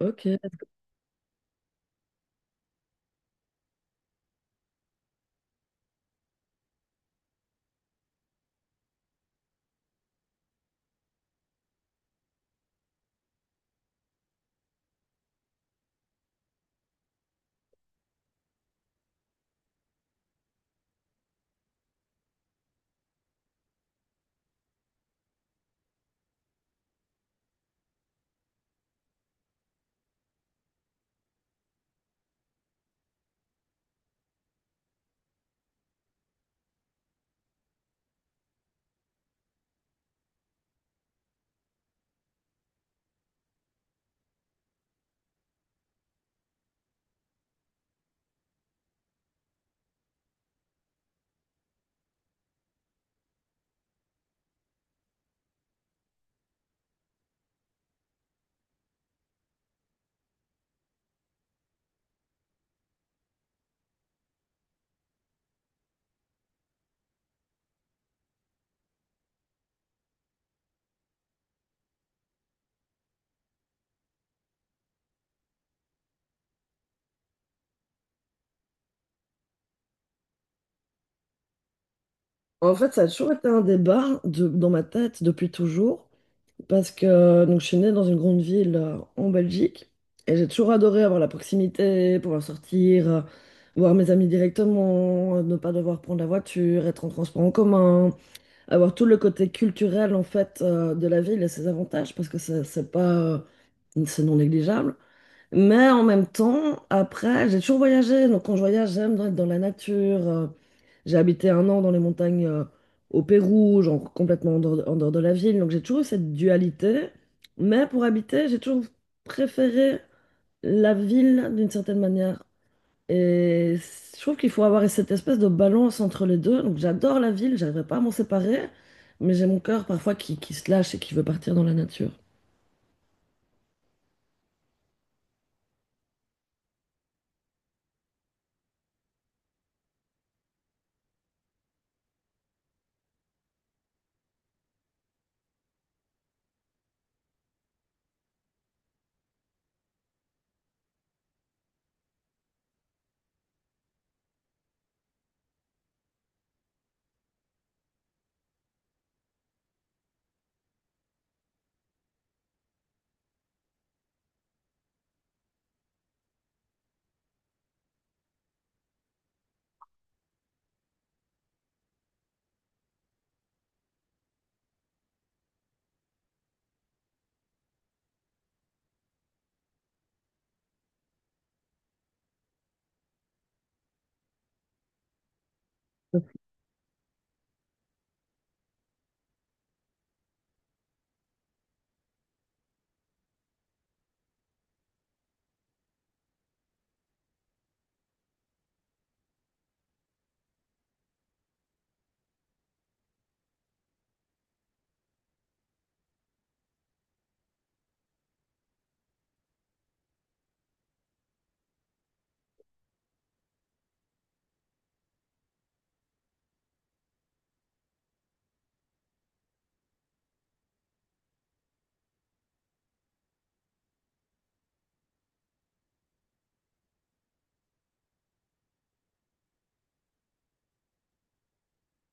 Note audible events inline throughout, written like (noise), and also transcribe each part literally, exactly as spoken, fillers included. Ok. En fait, ça a toujours été un débat de- dans ma tête depuis toujours, parce que donc, je suis née dans une grande ville euh, en Belgique, et j'ai toujours adoré avoir la proximité, pouvoir sortir, euh, voir mes amis directement, euh, ne pas devoir prendre la voiture, être en transport en commun, avoir tout le côté culturel en fait euh, de la ville et ses avantages, parce que c'est c'est pas, euh, c'est non négligeable. Mais en même temps, après, j'ai toujours voyagé. Donc, quand je voyage, j'aime dans- être dans la nature. Euh, J'ai habité un an dans les montagnes euh, au Pérou, genre complètement en dehors, en dehors de la ville. Donc, j'ai toujours eu cette dualité. Mais pour habiter, j'ai toujours préféré la ville d'une certaine manière. Et c- je trouve qu'il faut avoir cette espèce de balance entre les deux. Donc, j'adore la ville, j'arriverai pas à m'en séparer. Mais j'ai mon cœur parfois qui, qui se lâche et qui veut partir dans la nature.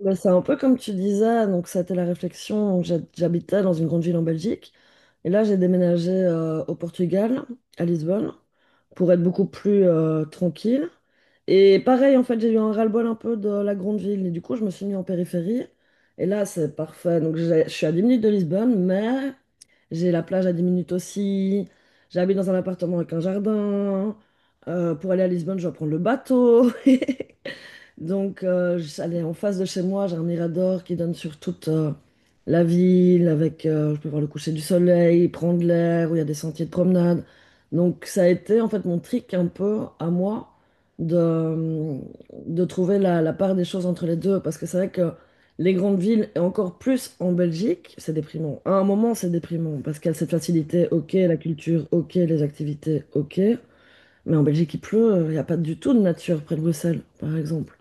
Bah, c'est un peu comme tu disais, donc ça a été la réflexion. Donc, j'ha- j'habitais dans une grande ville en Belgique et là j'ai déménagé euh, au Portugal, à Lisbonne, pour être beaucoup plus euh, tranquille. Et pareil, en fait, j'ai eu un ras-le-bol un peu de la grande ville et du coup je me suis mis en périphérie. Et là c'est parfait. Donc j'ai- je suis à dix minutes de Lisbonne, mais j'ai la plage à dix minutes aussi. J'habite dans un appartement avec un jardin. Euh, pour aller à Lisbonne, je dois prendre le bateau. (laughs) Donc, euh, je- allez, en face de chez moi, j'ai un mirador qui donne sur toute euh, la ville, avec, euh, je peux voir le coucher du soleil, prendre l'air, où il y a des sentiers de promenade. Donc, ça a été en fait mon trick un peu à moi de, de trouver la, la part des choses entre les deux, parce que c'est vrai que les grandes villes, et encore plus en Belgique, c'est déprimant. À un moment, c'est déprimant, parce qu'il y a cette facilité, ok, la culture, ok, les activités, ok. Mais en Belgique, il pleut, il n'y a pas du tout de nature près de Bruxelles, par exemple.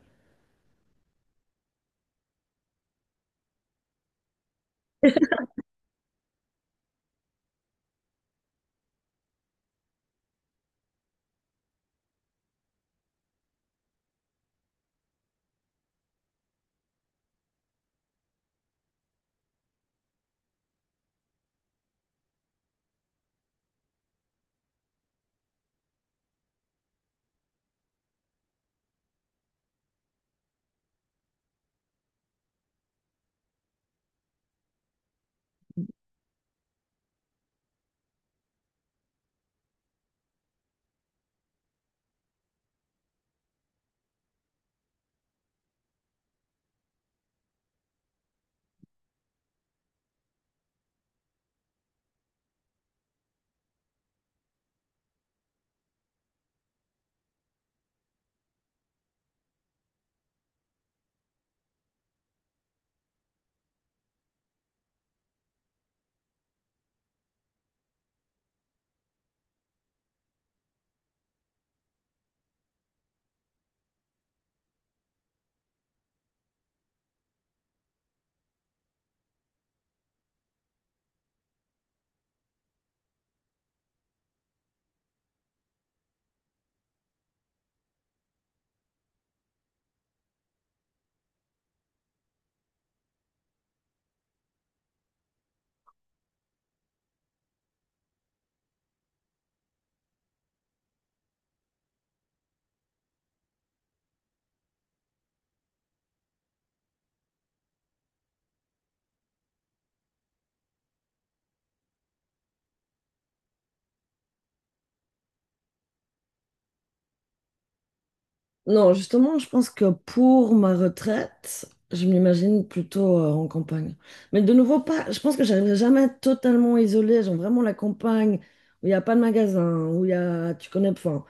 Non, justement, je pense que pour ma retraite, je m'imagine plutôt euh, en campagne. Mais de nouveau, pas, je pense que j'arriverai jamais à être totalement isolée, genre vraiment la campagne où il n'y a pas de magasin, où il y a, tu connais, enfin,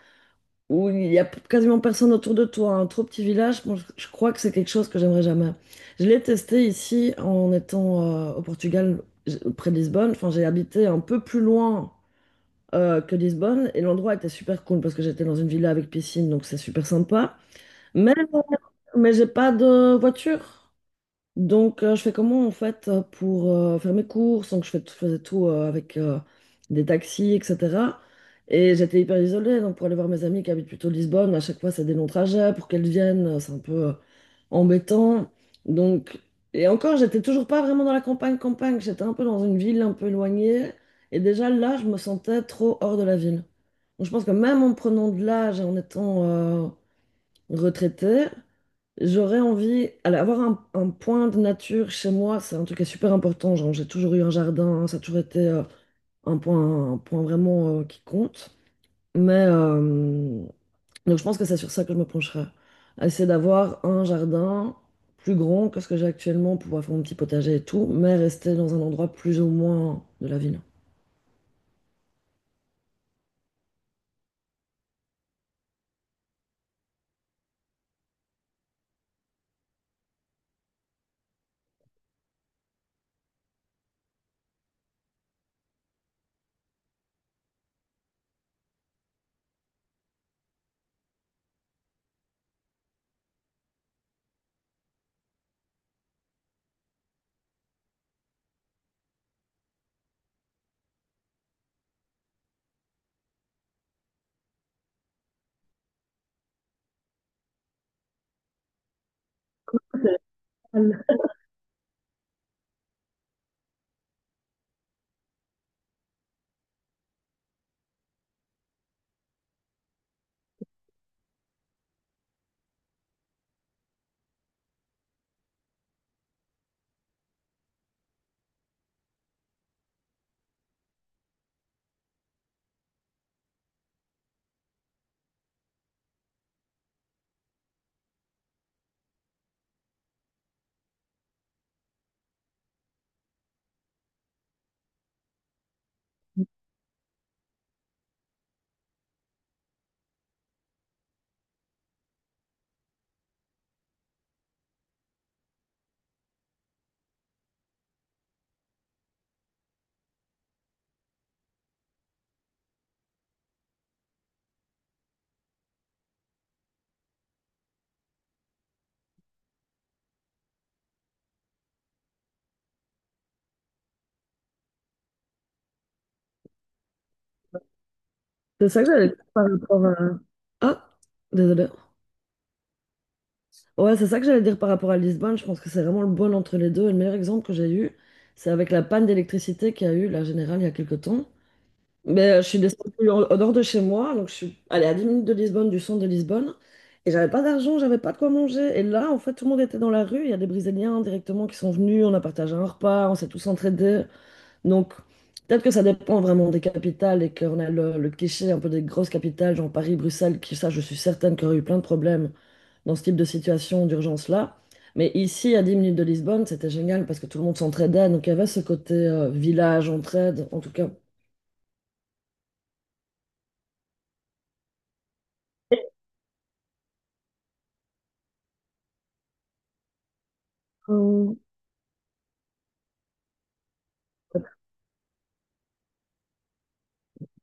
où il n'y a p- quasiment personne autour de toi, un trop petit village, moi, je, je crois que c'est quelque chose que j'aimerais jamais. Je l'ai testé ici en étant euh, au Portugal, j- près de Lisbonne, enfin, j'ai habité un peu plus loin euh, que Lisbonne et l'endroit était super cool parce que j'étais dans une villa avec piscine, donc c'est super sympa. Mais mais j'ai pas de voiture. Donc, euh, je fais comment en fait euh, pour euh, faire mes courses? Donc, je fais, je faisais tout euh, avec euh, des taxis, et cetera. Et j'étais hyper isolée. Donc, pour aller voir mes amis qui habitent plutôt Lisbonne, à chaque fois, c'est des longs trajets. Pour qu'elles viennent, euh, c'est un peu euh, embêtant. Donc, et encore, j'étais toujours pas vraiment dans la campagne, campagne. J'étais un peu dans une ville un peu éloignée. Et déjà là, je me sentais trop hors de la ville. Donc, je pense que même en prenant de l'âge et en étant retraité j'aurais envie, alors, avoir un, un point de nature chez moi, c'est un truc qui est super important. Genre, j'ai toujours eu un jardin, ça a toujours été euh, un point, un point vraiment euh, qui compte. Mais euh, donc, je pense que c'est sur ça que je me pencherai. Essayer d'avoir un jardin plus grand que ce que j'ai actuellement, pouvoir faire mon petit potager et tout, mais rester dans un endroit plus ou moins de la ville. C'est ça que j'allais dire par rapport à... Ah, désolé. Ouais, c'est ça que j'allais dire par rapport à Lisbonne. Je pense que c'est vraiment le bon entre les deux. Et le meilleur exemple que j'ai eu, c'est avec la panne d'électricité qu'il y a eu la générale il y a quelques temps. Mais euh, je suis descendue en- au nord de chez moi, donc je suis allée à dix minutes de Lisbonne, du centre de Lisbonne, et j'avais pas d'argent, j'avais pas de quoi manger. Et là, en fait, tout le monde était dans la rue. Il y a des Brésiliens directement qui sont venus, on a partagé un repas, on s'est tous entraidés. Donc, peut-être que ça dépend vraiment des capitales et qu'on a le, le cliché un peu des grosses capitales, genre Paris, Bruxelles, qui, ça, je suis certaine qu'il y aurait eu plein de problèmes dans ce type de situation d'urgence-là. Mais ici, à dix minutes de Lisbonne, c'était génial parce que tout le monde s'entraidait. Donc, il y avait ce côté euh, village, entraide. En tout cas, hum,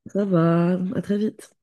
ça va, à très vite.